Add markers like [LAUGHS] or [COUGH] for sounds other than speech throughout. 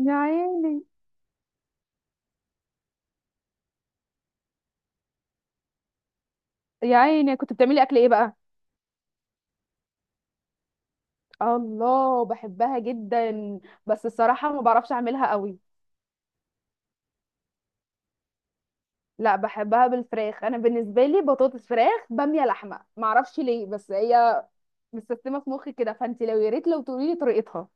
يا عيني، يا عيني، كنت بتعملي اكل ايه بقى؟ الله، بحبها جدا. بس الصراحه ما بعرفش اعملها قوي. لا، بحبها بالفراخ. انا بالنسبه لي بطاطس، فراخ، باميه، لحمه، ما اعرفش ليه، بس هي متسيستمه في مخي كده. فانت يا ريت لو تقولي لي طريقتها.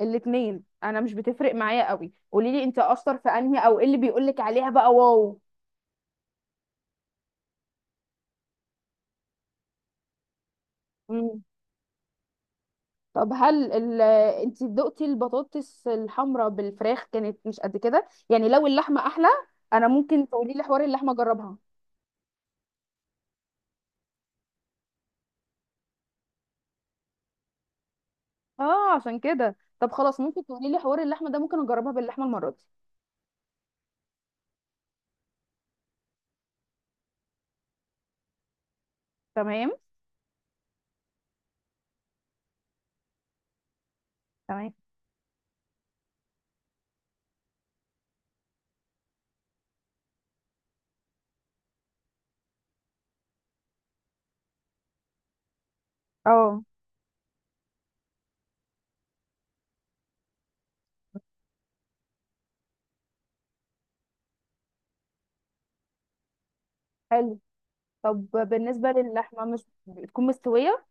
الاثنين، انا مش بتفرق معايا قوي. قولي لي انت اشطر في انهي، او ايه اللي بيقولك عليها بقى. واو. طب هل ال... انت دقتي البطاطس الحمراء بالفراخ كانت مش قد كده؟ يعني لو اللحمه احلى. انا ممكن تقولي لي حوار اللحمه اجربها؟ اه، عشان كده. طب خلاص، ممكن تقولي لي حوار اللحمه ده؟ ممكن اجربها باللحمه المره دي. تمام. تمام. اه، حلو. طب، بالنسبه للحمه مش بتكون مستويه؟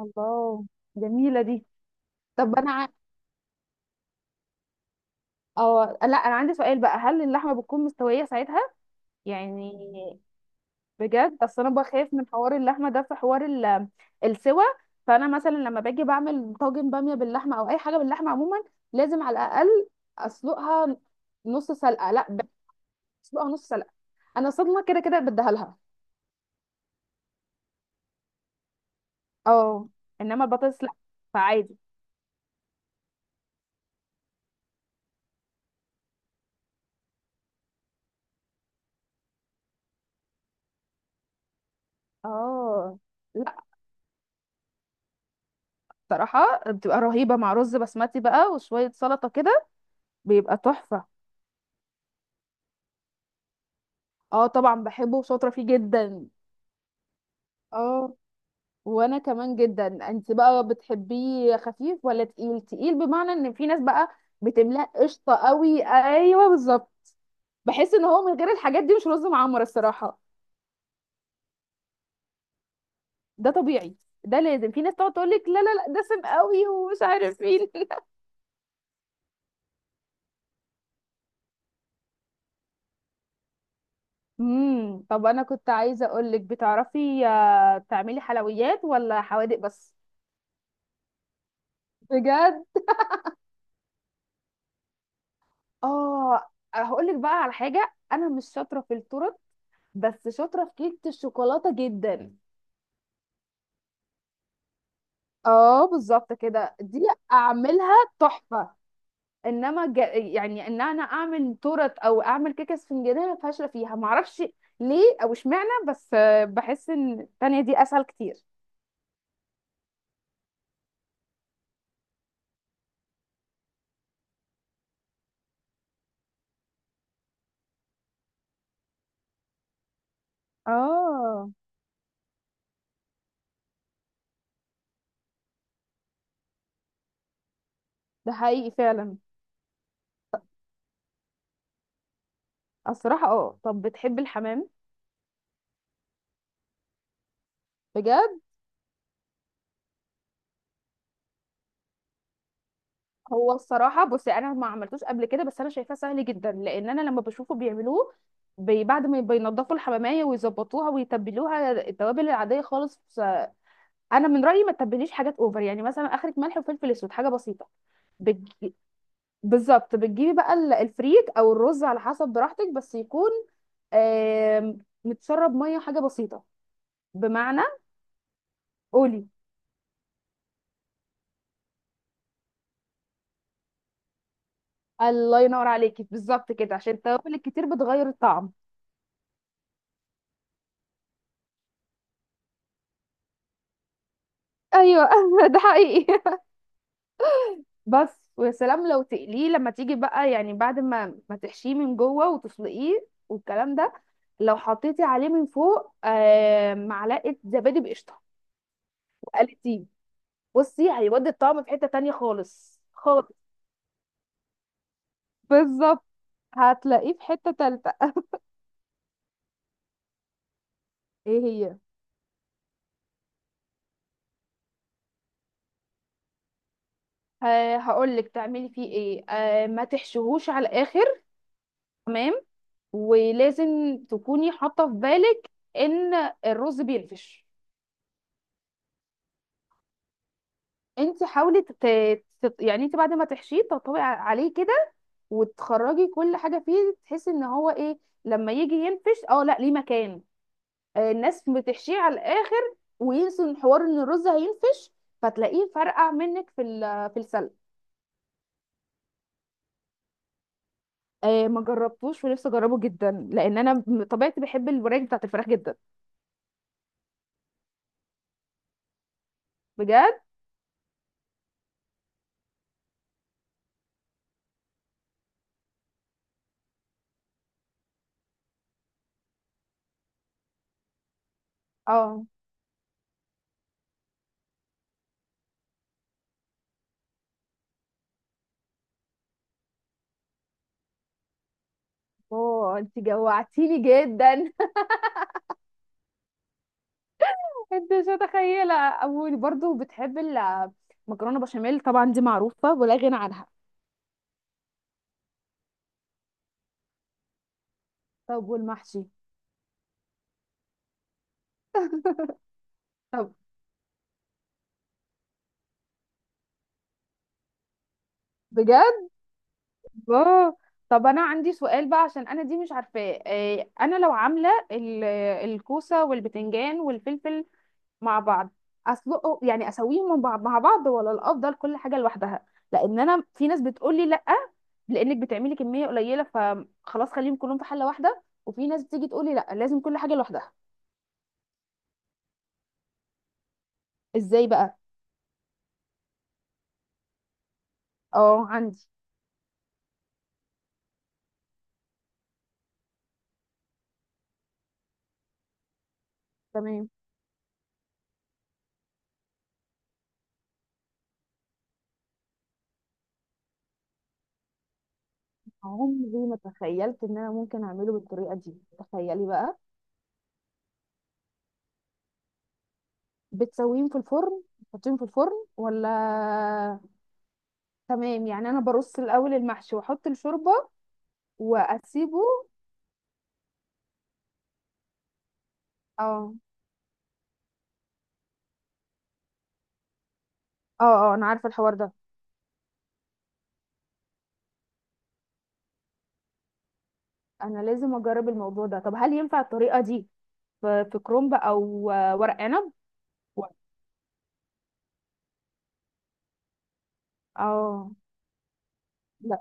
الله، جميلة دي. طب اه، لا، انا عندي سؤال بقى، هل اللحمه بتكون مستويه ساعتها؟ يعني، بجد، اصل انا بخاف من حوار اللحمه ده، في حوار السوا. فانا مثلا لما باجي بعمل طاجن باميه باللحمه او اي حاجه باللحمه عموما، لازم على الاقل اسلقها نص سلقه. لا، اسلقها نص سلقه. انا صدمه كده كده بديها لها. اه، انما البطاطس لا. فعادي. اه، لا، بصراحه بتبقى رهيبه مع رز بسمتي بقى وشويه سلطه كده. بيبقى تحفه. اه، طبعا بحبه وشاطره فيه جدا. اه، وانا كمان جدا. انت بقى بتحبيه خفيف ولا تقيل تقيل؟ بمعنى ان في ناس بقى بتملاه قشطه قوي. ايوه، بالظبط. بحس ان هو من غير الحاجات دي مش رز معمر الصراحه. ده طبيعي. ده لازم. في ناس تقعد تقول لك لا، لا، لا، دسم قوي ومش عارف ايه. [LAUGHS] طب، انا كنت عايزه اقول لك، بتعرفي تعملي حلويات ولا حوادق بس؟ بجد. اه، هقول لك بقى على حاجه، انا مش شاطره في الطرق، بس شاطره في كيكه الشوكولاته جدا. اه، بالظبط كده دي. اعملها تحفه. انما، يعني ان انا اعمل تورت او اعمل كيكه اسفنجيه فاشله فيها، معرفش ليه او اشمعنى. بس بحس ان التانية دي اسهل كتير. اه، ده حقيقي فعلا. الصراحه. اه، طب بتحب الحمام؟ بجد. هو الصراحه، بصي انا ما عملتوش قبل كده، بس انا شايفاه سهل جدا، لان انا لما بشوفه بيعملوه، بعد ما بينضفوا الحماميه ويظبطوها ويتبلوها التوابل العاديه خالص. انا من رايي ما تتبليش حاجات اوفر. يعني، مثلا، اخرك ملح وفلفل اسود حاجه بسيطه. بتج... بالظبط، بتجيبي بقى الفريك او الرز على حسب براحتك، بس يكون آم، متشرب ميه حاجه بسيطه. بمعنى. قولي. الله ينور عليكي! بالظبط كده، عشان التوابل الكتير بتغير الطعم. ايوه. [LAUGHS] ده حقيقي. بس ويا سلام لو تقليه لما تيجي بقى، يعني بعد ما تحشيه من جوه وتسلقيه والكلام ده، لو حطيتي عليه من فوق معلقه زبادي بقشطه وقلتيه، بصي هيودي الطعم في حتة تانية خالص خالص. بالظبط. هتلاقيه في حتة تالتة. ايه هي؟ آه، هقول لك تعملي فيه ايه. ما تحشوهوش على الاخر. تمام. ولازم تكوني حاطه في بالك ان الرز بينفش. انت حاولي يعني انت بعد ما تحشيه تطبقي عليه كده، وتخرجي كل حاجه فيه، تحسي ان هو ايه لما يجي ينفش. اه، لا ليه مكان. الناس بتحشيه على الاخر وينسوا ان حوار ان الرز هينفش، فتلاقيه فرقع منك في في السلق. ما جربتوش ونفسي اجربه جدا، لان انا بطبيعتي بحب الوراك بتاعت الفراخ جدا. بجد. اه. اوه، انت جوعتيني جدا! [LAUGHS] انت مش متخيله. اول، برضو، بتحب المكرونه بشاميل. طبعا دي معروفه ولا غنى عنها. طب، والمحشي؟ طب. بجد. الله. طب، انا عندي سؤال بقى عشان انا دي مش عارفاه. انا لو عامله الكوسه والبتنجان والفلفل مع بعض، اسلقه؟ يعني اسويهم مع بعض، ولا الافضل كل حاجه لوحدها؟ لان انا في ناس بتقول لي لا، لانك بتعملي كميه قليله فخلاص خليهم كلهم في حله واحده، وفي ناس بتيجي تقول لي لا، لازم كل حاجه لوحدها. ازاي بقى؟ اه، عندي. تمام. عمري ما تخيلت ان انا ممكن اعمله بالطريقه دي. تخيلي بقى. بتسويهم في الفرن؟ تحطيهم في الفرن ولا؟ تمام. يعني انا برص الاول المحشي واحط الشوربه واسيبه. اه. اه. اه، انا عارفه الحوار ده. انا لازم اجرب الموضوع ده. طب، هل ينفع الطريقه دي في كرومب او ورق عنب؟ و- اه. لا.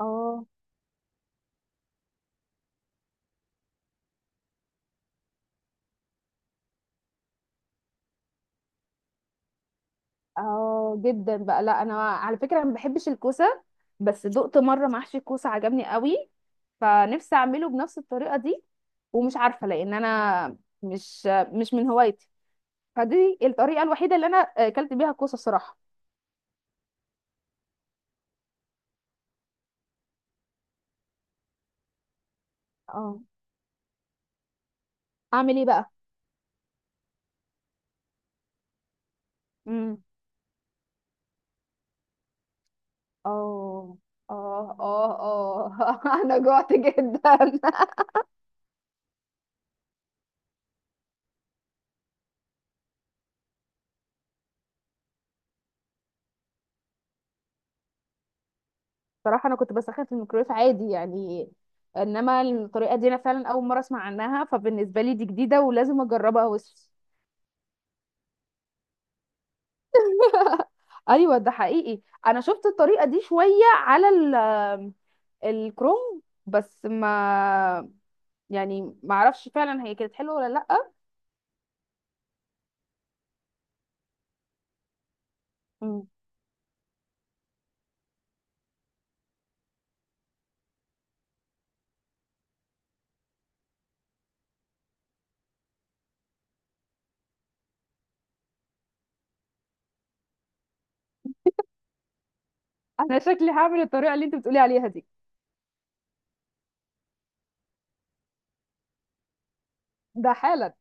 اه. اه، جدا بقى. لا، انا على فكره، انا ما بحبش الكوسه، بس دقت مره محشي الكوسه عجبني قوي، فنفسي اعمله بنفس الطريقه دي. ومش عارفه، لان انا مش من هوايتي. فدي الطريقه الوحيده اللي انا اكلت بيها الكوسه الصراحه. اه، اعمل ايه بقى؟ امم اه. اه. اه. اه. [LAUGHS] انا جوعت جدا. [LAUGHS] صراحه انا كنت بسخن في الميكرويف عادي يعني. انما الطريقه دي انا فعلا اول مره اسمع عنها، فبالنسبه لي دي جديده ولازم اجربها. وش. [LAUGHS] ايوه. ده حقيقي. انا شفت الطريقه دي شويه على ال الكروم، بس ما يعني ما اعرفش فعلا هي كانت حلوه ولا. لا، انا شكلي هعمل الطريقه اللي انت بتقولي عليها دي. ده حالا.